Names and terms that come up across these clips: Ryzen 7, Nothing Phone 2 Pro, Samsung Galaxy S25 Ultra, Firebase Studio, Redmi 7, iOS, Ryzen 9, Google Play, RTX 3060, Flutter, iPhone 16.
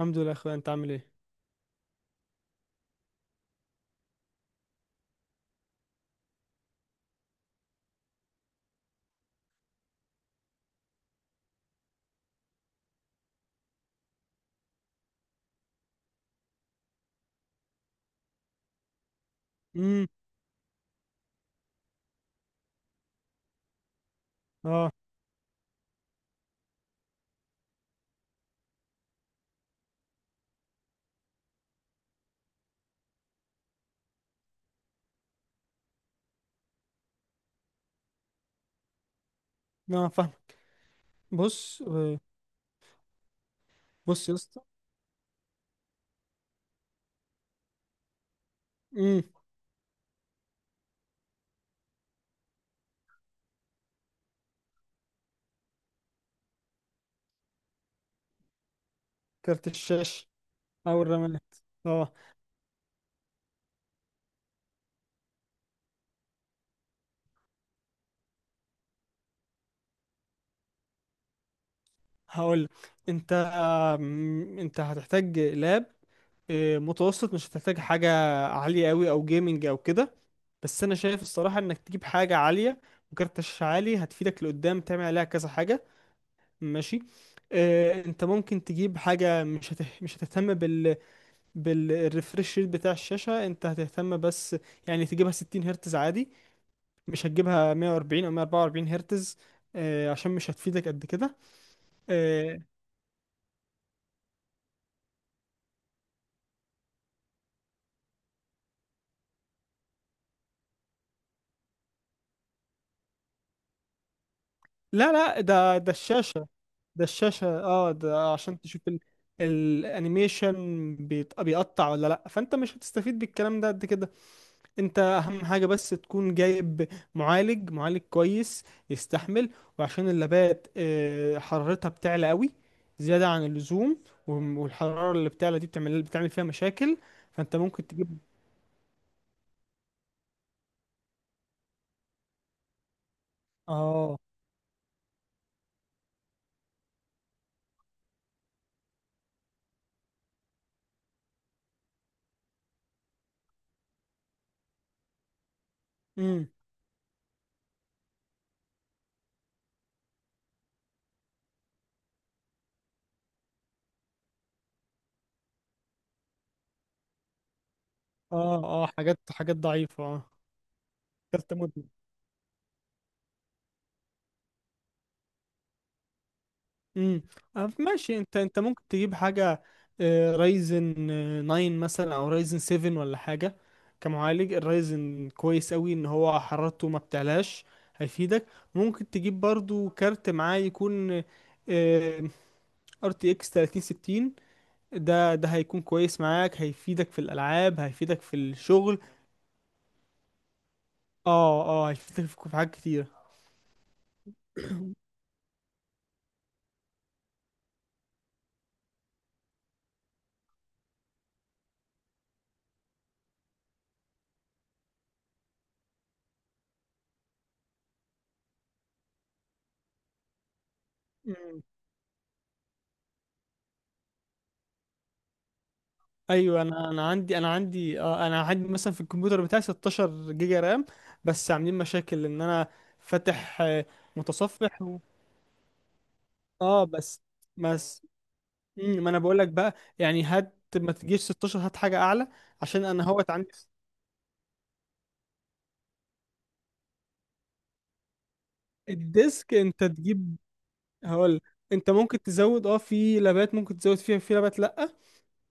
الحمد لله يا اخويا، انت عامل ايه؟ امم اه اه فاهم. بص بص يا اسطى. امم كارت الشاشه او الرامات. اه هقول لك، انت انت هتحتاج لاب متوسط، مش هتحتاج حاجه عاليه قوي او جيمنج او كده. بس انا شايف الصراحه انك تجيب حاجه عاليه، وكارت الشاشه عالي هتفيدك لقدام تعمل عليها كذا حاجه. ماشي. انت ممكن تجيب حاجه مش هتهتم بال بالريفرش ريت بتاع الشاشة، انت هتهتم بس يعني تجيبها 60 هرتز عادي، مش هتجيبها 140 او 144 هرتز. عشان مش هتفيدك قد كده. آه، لا لا، ده الشاشة. ده الشاشة، اه ده عشان تشوف الانيميشن بيقطع ولا لا، فانت مش هتستفيد بالكلام ده قد كده. انت اهم حاجة بس تكون جايب معالج كويس يستحمل. وعشان اللابات حرارتها بتعلى قوي زيادة عن اللزوم، والحرارة اللي بتعلى دي بتعمل فيها مشاكل، فانت ممكن تجيب. اه امم اه حاجات ضعيفة اه. كالتمودي. امم ماشي. انت ممكن تجيب حاجه رايزن 9 مثلا او رايزن 7 ولا حاجه. كمعالج الرايزن كويس قوي ان هو حرارته ما بتعلاش، هيفيدك. ممكن تجيب برضو كارت معاه، يكون ار تي اكس 3060. ده هيكون كويس معاك، هيفيدك في الالعاب، هيفيدك في الشغل. اه هيفيدك في حاجات كتيره. ايوه، انا عندي مثلا في الكمبيوتر بتاعي 16 جيجا رام، بس عاملين مشاكل ان انا فاتح متصفح و... اه بس بس مم، ما انا بقول لك بقى يعني هات ما تجيش 16، هات حاجه اعلى عشان انا هوت عندي. الديسك انت تجيب. هقول. انت ممكن تزود، اه، في لابات ممكن تزود فيها، في لابات لا.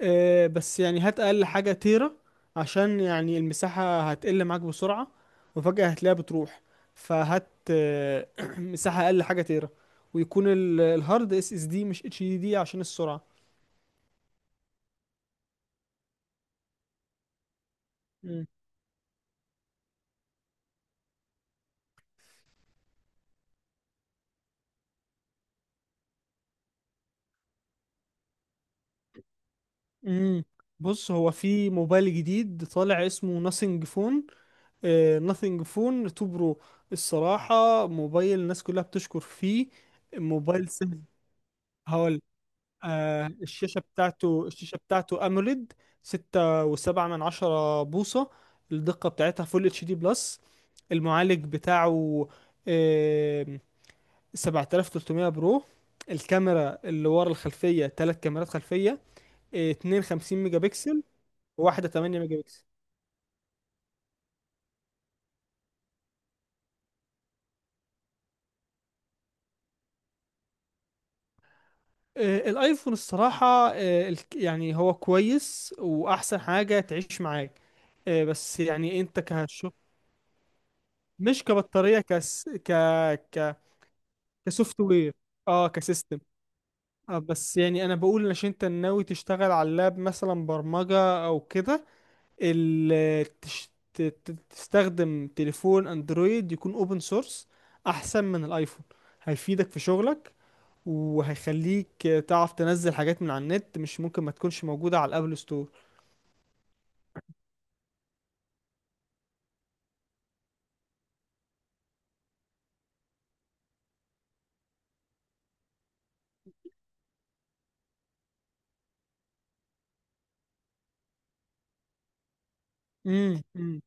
بس يعني هات اقل حاجه تيرا، عشان يعني المساحه هتقل معاك بسرعه، وفجاه هتلاقيها بتروح. فهات مساحه اقل حاجه تيرا، ويكون الهارد اس اس دي مش اتش دي دي عشان السرعه. مم. مم. بص، هو في موبايل جديد طالع اسمه ناثينج فون، ناثينج فون 2 برو. الصراحه موبايل الناس كلها بتشكر فيه. موبايل سهل. آه، الشاشة بتاعته، الشاشة بتاعته أموليد، 6.7 بوصة. الدقة بتاعتها فول اتش دي بلس. المعالج بتاعه آه 7300 برو. الكاميرا اللي ورا الخلفية، تلات كاميرات خلفية 52 ميجا بكسل وواحدة 8 ميجا بكسل. آه الايفون الصراحة، آه يعني هو كويس، وأحسن حاجة تعيش معاك. آه بس يعني انت كهشوف. مش كبطارية، كس ك ك كسوفت وير. اه كسيستم. آه بس يعني انا بقول عشان انت ناوي تشتغل على اللاب مثلا برمجة او كده، تستخدم تليفون اندرويد يكون اوبن سورس احسن من الايفون. هيفيدك في شغلك، وهيخليك تعرف تنزل حاجات من على النت مش ممكن ما تكونش موجودة على الابل ستور. امم امم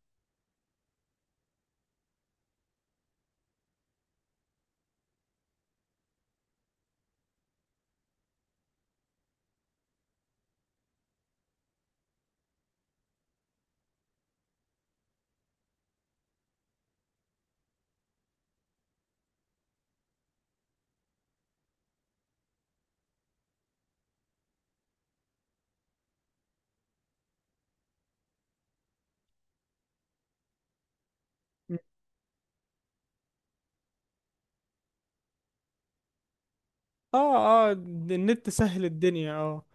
اه اه النت سهل الدنيا اه.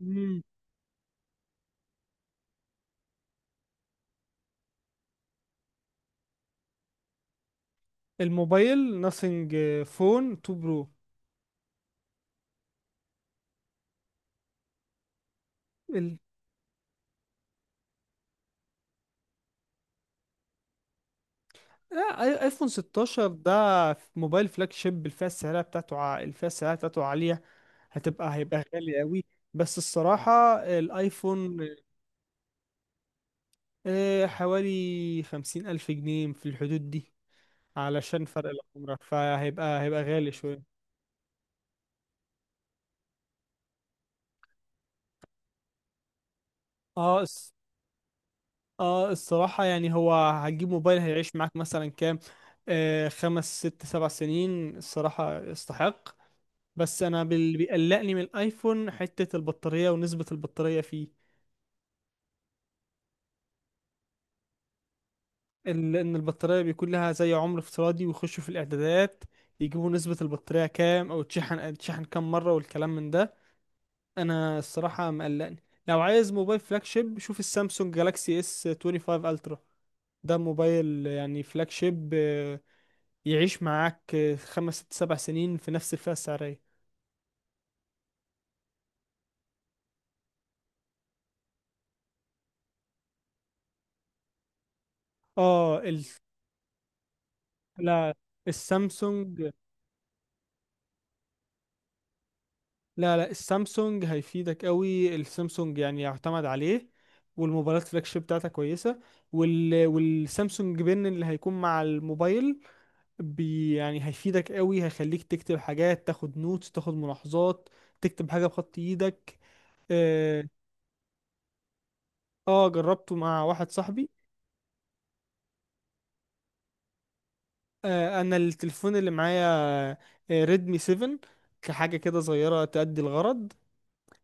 امم الموبايل ناثينج فون 2 برو. لا، ايفون 16 ده موبايل فلاج شيب، الفئه السعريه بتاعته الفئه السعريه بتاعته عاليه، هيبقى غالي قوي. بس الصراحه الايفون، حوالي 50,000 جنيه في الحدود دي. علشان فرق العمر، هيبقى غالي شويه. اه الص- اه الصراحه يعني هو هتجيب موبايل هيعيش معاك مثلا كام، خمس ست سبع سنين، الصراحه يستحق. بس انا بيقلقني من الايفون حته البطاريه ونسبه البطاريه فيه. ان البطاريه بيكون لها زي عمر افتراضي، ويخشوا في الاعدادات يجيبوا نسبه البطاريه كام، او تشحن، كام مره والكلام من ده، انا الصراحه مقلقني. لو عايز موبايل فلاج شيب، شوف السامسونج جالاكسي اس 25 الترا. ده موبايل يعني فلاج شيب يعيش معاك خمس ست سبع سنين في نفس الفئه السعريه. اه ال... لا السامسونج لا لا، السامسونج هيفيدك قوي، السامسونج يعني يعتمد عليه، والموبايلات فلاج شيب بتاعتها كويسه. والسامسونج بن اللي هيكون مع الموبايل يعني هيفيدك قوي، هيخليك تكتب حاجات، تاخد نوتس، تاخد ملاحظات، تكتب حاجه بخط ايدك. اه. جربته مع واحد صاحبي. آه انا التليفون اللي معايا آه ريدمي 7، كحاجه كده صغيره تأدي الغرض.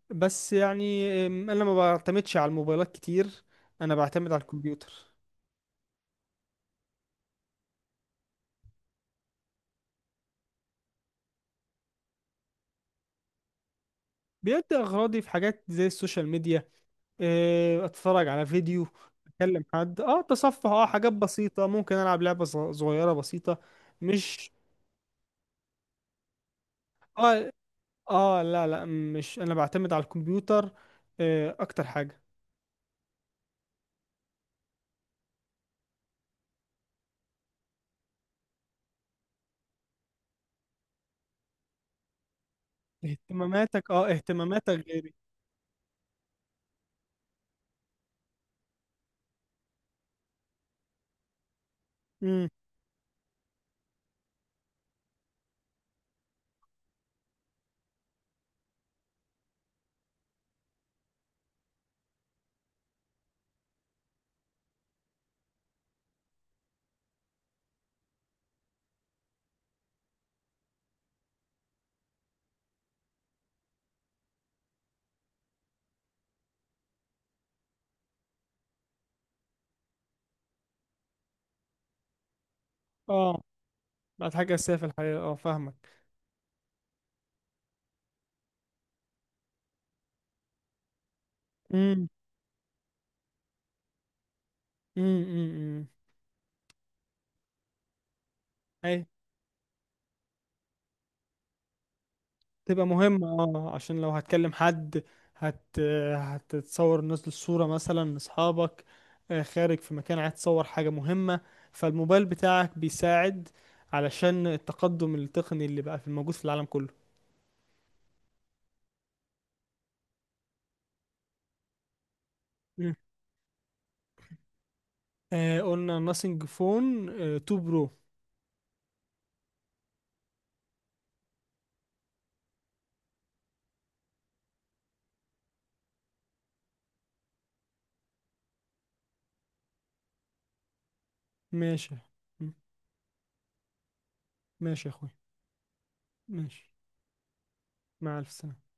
بس يعني انا ما بعتمدش على الموبايلات كتير، انا بعتمد على الكمبيوتر. بيدي اغراضي في حاجات زي السوشيال ميديا، اتفرج على فيديو، اكلم حد. اه تصفح، اه حاجات بسيطة، ممكن العب لعبة صغيرة بسيطة. مش اه اه لا لا، مش، انا بعتمد على الكمبيوتر آه اكتر حاجة. اهتماماتك، اه اهتماماتك غيري. امم اه بعد حاجة اساسية في الحياة، اه فاهمك. امم امم امم تبقى مهمة اه، عشان لو هتكلم حد، هت هتتصور، نازل صورة مثلا لأصحابك، خارج في مكان عايز تصور حاجة مهمة، فالموبايل بتاعك بيساعد، علشان التقدم التقني اللي بقى في الموجود في العالم كله. مم. آه قلنا ناسينج فون آه 2 برو. ماشي. مم. ماشي يا اخوي. ماشي. مع ألف سلامة.